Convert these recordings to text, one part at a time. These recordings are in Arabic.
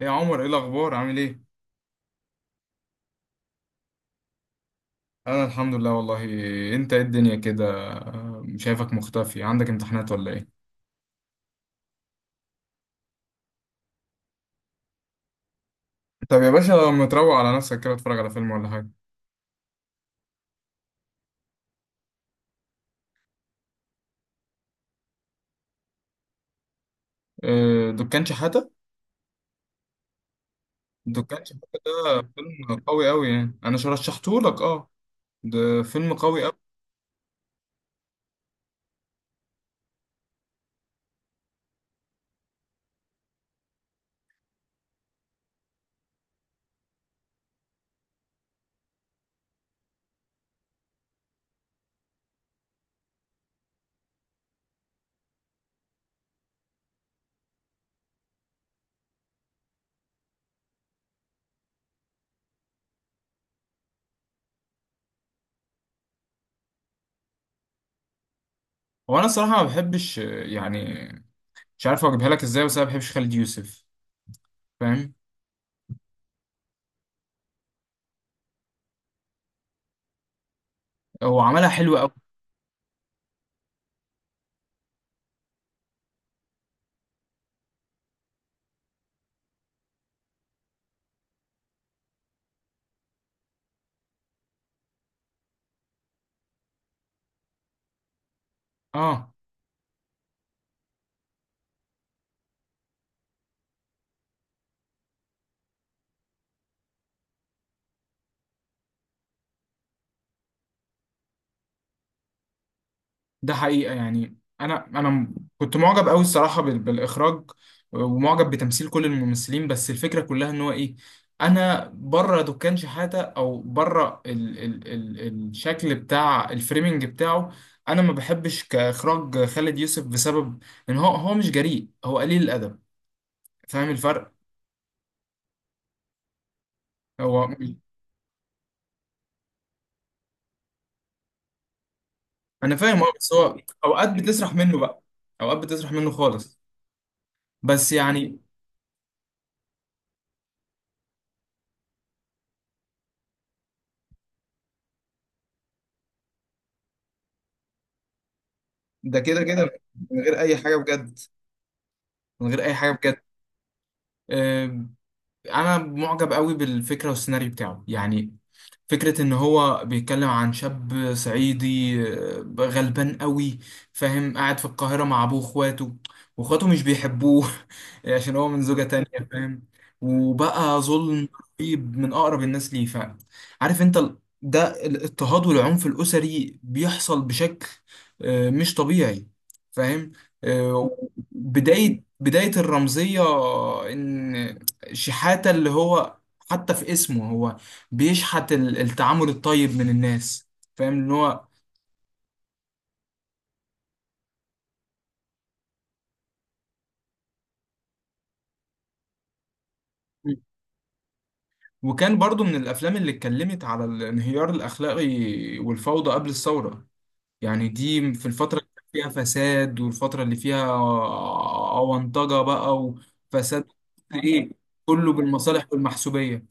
ايه يا عمر؟ ايه الاخبار؟ عامل ايه؟ انا الحمد لله والله. انت ايه الدنيا كده؟ شايفك مختفي، عندك امتحانات ولا ايه؟ طب يا باشا، لما تروق على نفسك كده اتفرج على فيلم ولا حاجه. دكان شحاته. دكان شحاته ده فيلم قوي قوي يعني، انا رشحته لك، اه. ده فيلم قوي قوي. هو انا الصراحه ما بحبش، يعني مش عارف اجيبها لك ازاي، بس انا ما بحبش خالد يوسف، فاهم. هو عملها حلوه قوي، اه. ده حقيقة يعني، أنا كنت معجب أوي الصراحة بالإخراج، ومعجب بتمثيل كل الممثلين، بس الفكرة كلها إن هو إيه، أنا بره دكان شحاتة، أو بره ال الشكل بتاع الفريمنج بتاعه. أنا ما بحبش كإخراج خالد يوسف بسبب إن هو مش جريء، هو قليل الأدب. فاهم الفرق؟ هو أنا فاهم، أه، بس هو أوقات بتسرح منه بقى، أوقات بتسرح منه خالص. بس يعني، ده كده كده، من غير أي حاجة بجد، من غير أي حاجة بجد. آه، انا معجب قوي بالفكره والسيناريو بتاعه يعني. فكرة ان هو بيتكلم عن شاب صعيدي، غلبان قوي، فاهم، قاعد في القاهرة مع ابوه واخواته، واخواته مش بيحبوه عشان هو من زوجة تانية، فاهم. وبقى ظلم رهيب من اقرب الناس ليه، فاهم. عارف انت ده الاضطهاد والعنف الاسري بيحصل بشكل مش طبيعي، فاهم. آه، بداية الرمزية، ان شحاتة اللي هو، حتى في اسمه، هو بيشحت التعامل الطيب من الناس، فاهم ان هو. وكان برضو من الافلام اللي اتكلمت على الانهيار الاخلاقي والفوضى قبل الثوره. يعني دي في الفتره اللي كان فيها فساد، والفتره اللي فيها اونطجه بقى، وفساد، ايه، كله بالمصالح والمحسوبيه.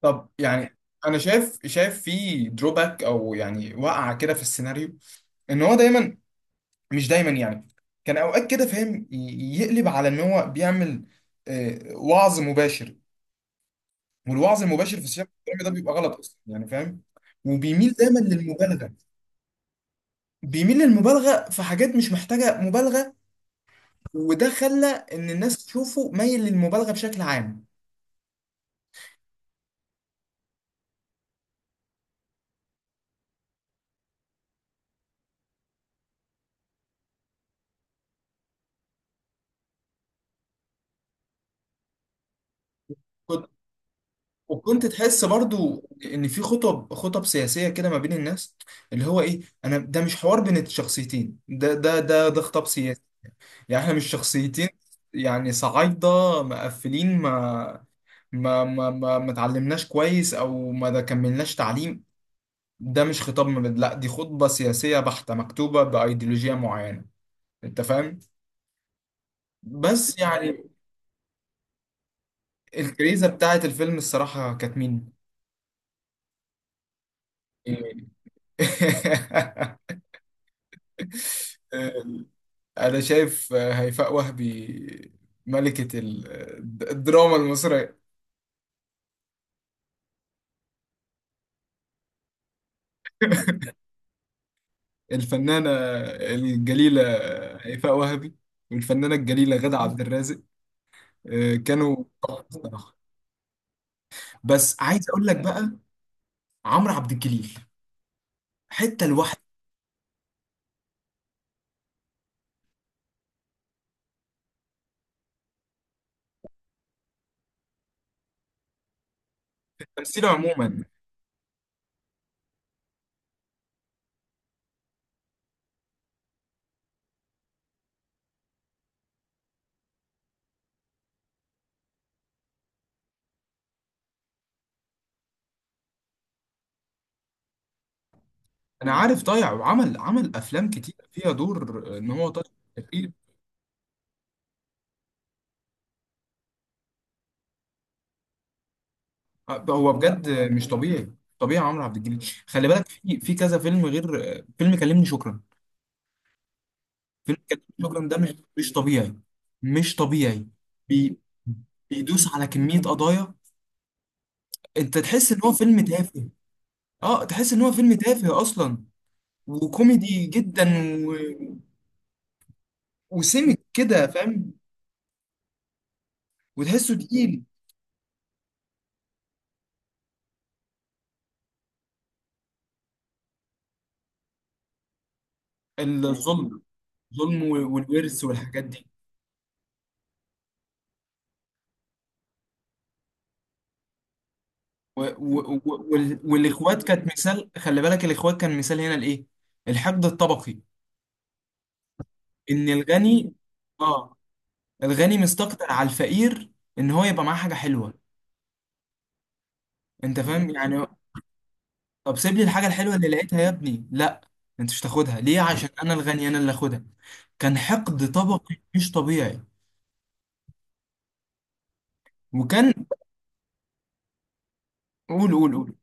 طب يعني، انا شايف، شايف في دروباك او يعني وقعه كده في السيناريو، ان هو دايما، مش دايما يعني، كان اوقات كده فاهم، يقلب على ان هو بيعمل وعظ مباشر. والوعظ المباشر في السياق الإسلامي ده بيبقى غلط اصلا يعني، فاهم. وبيميل دايما للمبالغه، بيميل للمبالغه في حاجات مش محتاجه مبالغه، وده خلى ان الناس تشوفه مايل للمبالغه بشكل عام. كنت- وكنت تحس برضو ان في خطب، خطب سياسيه كده ما بين الناس، اللي هو ايه، انا ده مش حوار بين الشخصيتين، ده خطاب سياسي. يعني احنا مش شخصيتين، يعني صعايدة مقفلين، ما اتعلمناش كويس، او ما ده كملناش تعليم. ده مش خطاب مبادئ، لا دي خطبة سياسية بحتة مكتوبة بأيديولوجية معينة، انت فاهم. بس يعني، الكريزة بتاعت الفيلم الصراحة كانت مين؟ انا شايف هيفاء وهبي، ملكة الدراما المصرية. الفنانة الجليلة هيفاء وهبي، والفنانة الجليلة غادة عبد الرازق، كانوا تحفة الصراحة. بس عايز أقول لك بقى، عمرو عبد الجليل حتة لوحده، تمثيله عموما. أنا عارف ضايع، وعمل عمل أفلام كتير فيها دور، إن هو طايع كتير. هو بجد مش طبيعي. طبيعي، عمرو عبد الجليل، خلي بالك في في كذا فيلم غير فيلم كلمني شكرا. فيلم كلمني شكرا ده مش، مش طبيعي، مش طبيعي. بي- بيدوس على كمية قضايا، انت تحس ان هو فيلم تافه، اه تحس ان هو فيلم تافه اصلا، وكوميدي جدا، و... وسمك كده فاهم، وتحسه تقيل. الظلم، الظلم والورث والحاجات دي. و... و... و... وال... والاخوات كانت مثال، خلي بالك الاخوات كان مثال هنا لايه، الحقد الطبقي. ان الغني، اه، الغني مستكتر على الفقير ان هو يبقى معاه حاجة حلوة. انت فاهم يعني، طب سيب لي الحاجة الحلوة اللي لقيتها يا ابني، لا انت مش تاخدها ليه؟ عشان انا الغني، انا اللي اخدها. كان حقد طبقي مش طبيعي. وكان، قول،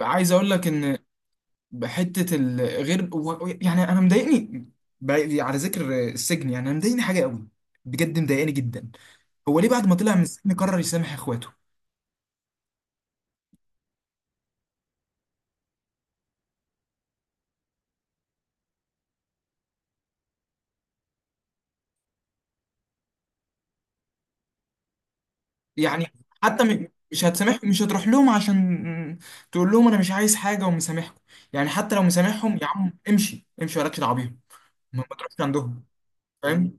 عايز اقول لك ان بحتة الغير يعني انا مضايقني، ب- على ذكر السجن يعني انا مضايقني حاجة قوي، بجد مضايقني جدا. هو ليه بعد ما طلع من السجن قرر يسامح اخواته؟ يعني حتى مش هتسامح، مش هتروح لهم عشان تقول لهم انا مش عايز حاجة ومسامحكم. يعني حتى لو مسامحهم، يا عم امشي امشي، ولا دعوة بيهم. ما بتروحش عندهم فاهم.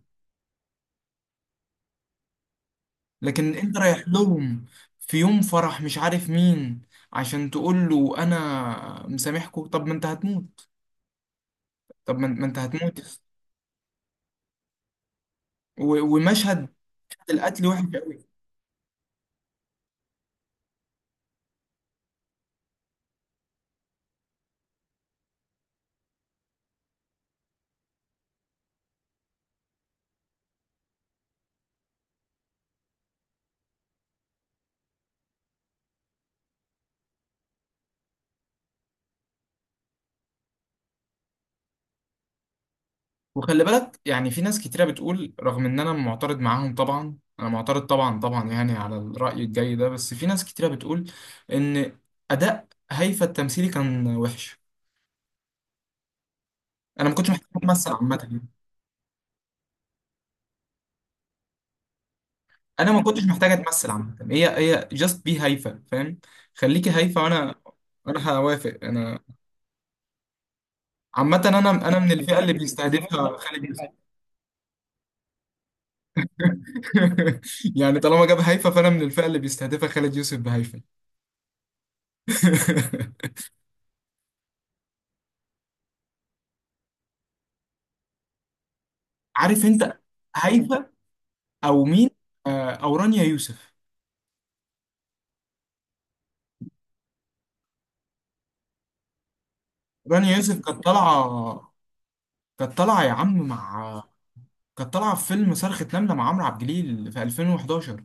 لكن انت رايح لهم في يوم فرح مش عارف مين عشان تقول له انا مسامحكم، طب ما انت هتموت، طب ما انت هتموت. ومشهد القتل وحش قوي. وخلي بالك يعني، في ناس كتيرة بتقول، رغم ان انا معترض معاهم طبعا، انا معترض طبعا طبعا يعني على الرأي الجاي ده، بس في ناس كتيرة بتقول ان اداء هيفا التمثيلي كان وحش. انا ما كنتش محتاج اتمثل عامة، انا ما كنتش محتاج اتمثل عامه، هي جاست بي هايفه فاهم. خليكي هايفه وانا، انا هوافق، انا، عامه، انا انا من الفئه اللي بيستهدفها خالد يوسف. يعني طالما جاب هايفه، فانا من الفئه اللي بيستهدفها خالد يوسف بهايفه. عارف انت، هايفه او مين، او رانيا يوسف. رانيا يوسف كانت طالعه، كانت طالعه يا عم مع، كانت طالعه في فيلم صرخة نملة مع عمرو عبد الجليل في 2011.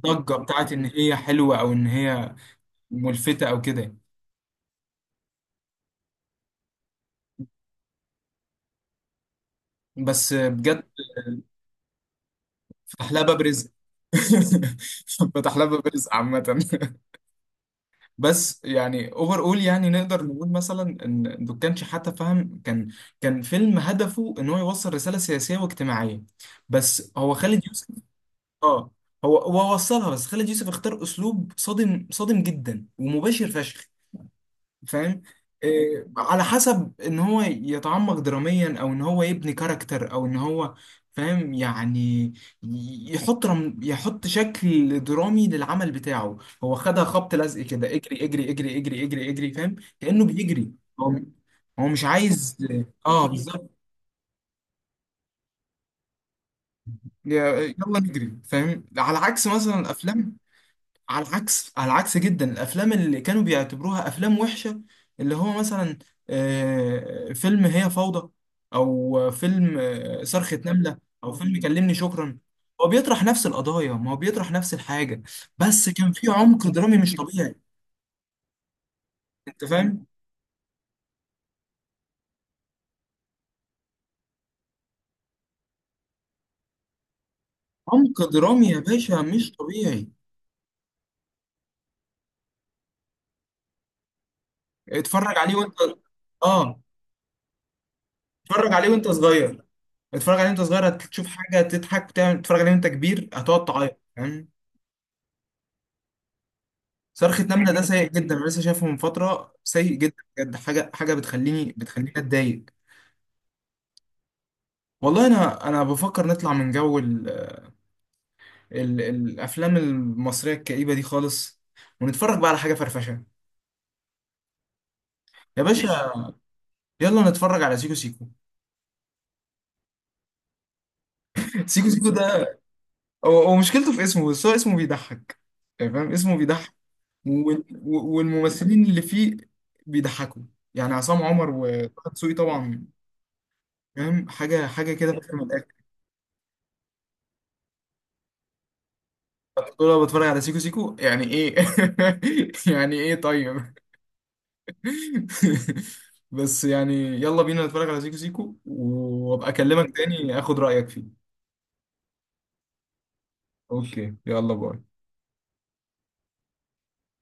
ضجة بتاعت ان هي حلوة، او ان هي ملفتة او كده. بس بجد فتح لها باب رزق، فتح لها باب رزق عامة. بس يعني اوفر اول، يعني نقدر نقول مثلا ان دول كانش حتى فاهم، كان، كان فيلم هدفه ان هو يوصل رسالة سياسية واجتماعية، بس هو خالد يوسف، اه هو وصلها، بس خالد يوسف اختار اسلوب صادم، صادم جدا ومباشر فشخ، فاهم. على حسب ان هو يتعمق دراميا، او ان هو يبني كاركتر، او ان هو، فاهم يعني، يحط يحط شكل درامي للعمل بتاعه. هو خدها خبط لزق كده، اجري اجري اجري اجري اجري اجري، فاهم، كأنه بيجري. هو هو مش عايز، اه بالظبط، يلا نجري فاهم، على عكس مثلا الافلام، على العكس، على العكس جدا، الافلام اللي كانوا بيعتبروها افلام وحشه، اللي هو مثلا، فيلم هي فوضى، او فيلم، صرخة نملة، او فيلم كلمني شكرا. هو بيطرح نفس القضايا، ما هو بيطرح نفس الحاجه، بس كان في عمق درامي مش طبيعي، انت فاهم. عمق درامي يا باشا مش طبيعي. اتفرج عليه وانت، اه اتفرج عليه وانت صغير، اتفرج عليه وانت صغير هتشوف حاجه تضحك، تتفرج عليه وانت كبير هتقعد تعيط، فاهم. صرخة نملة ده سيء جدا، انا لسه شايفه من فترة، سيء جدا بجد، حاجة، بتخليني اتضايق. والله، انا بفكر نطلع من جو ال الافلام المصرية الكئيبة دي خالص، ونتفرج بقى على حاجة فرفشة يا باشا. يلا نتفرج على سيكو سيكو. سيكو سيكو ده، هو مشكلته في اسمه، بس هو اسمه بيضحك، يعني فاهم اسمه بيضحك، وال- و- والممثلين اللي فيه بيضحكوا، يعني عصام عمر وطه دسوقي طبعا، فاهم حاجة، كده فاهم. طول ما بتفرج على سيكو سيكو يعني ايه، يعني ايه طيب. بس يعني يلا بينا نتفرج على سيكو سيكو، وابقى اكلمك يلا بينا تاني اخد رأيك فيه. اوكي، يلا باي.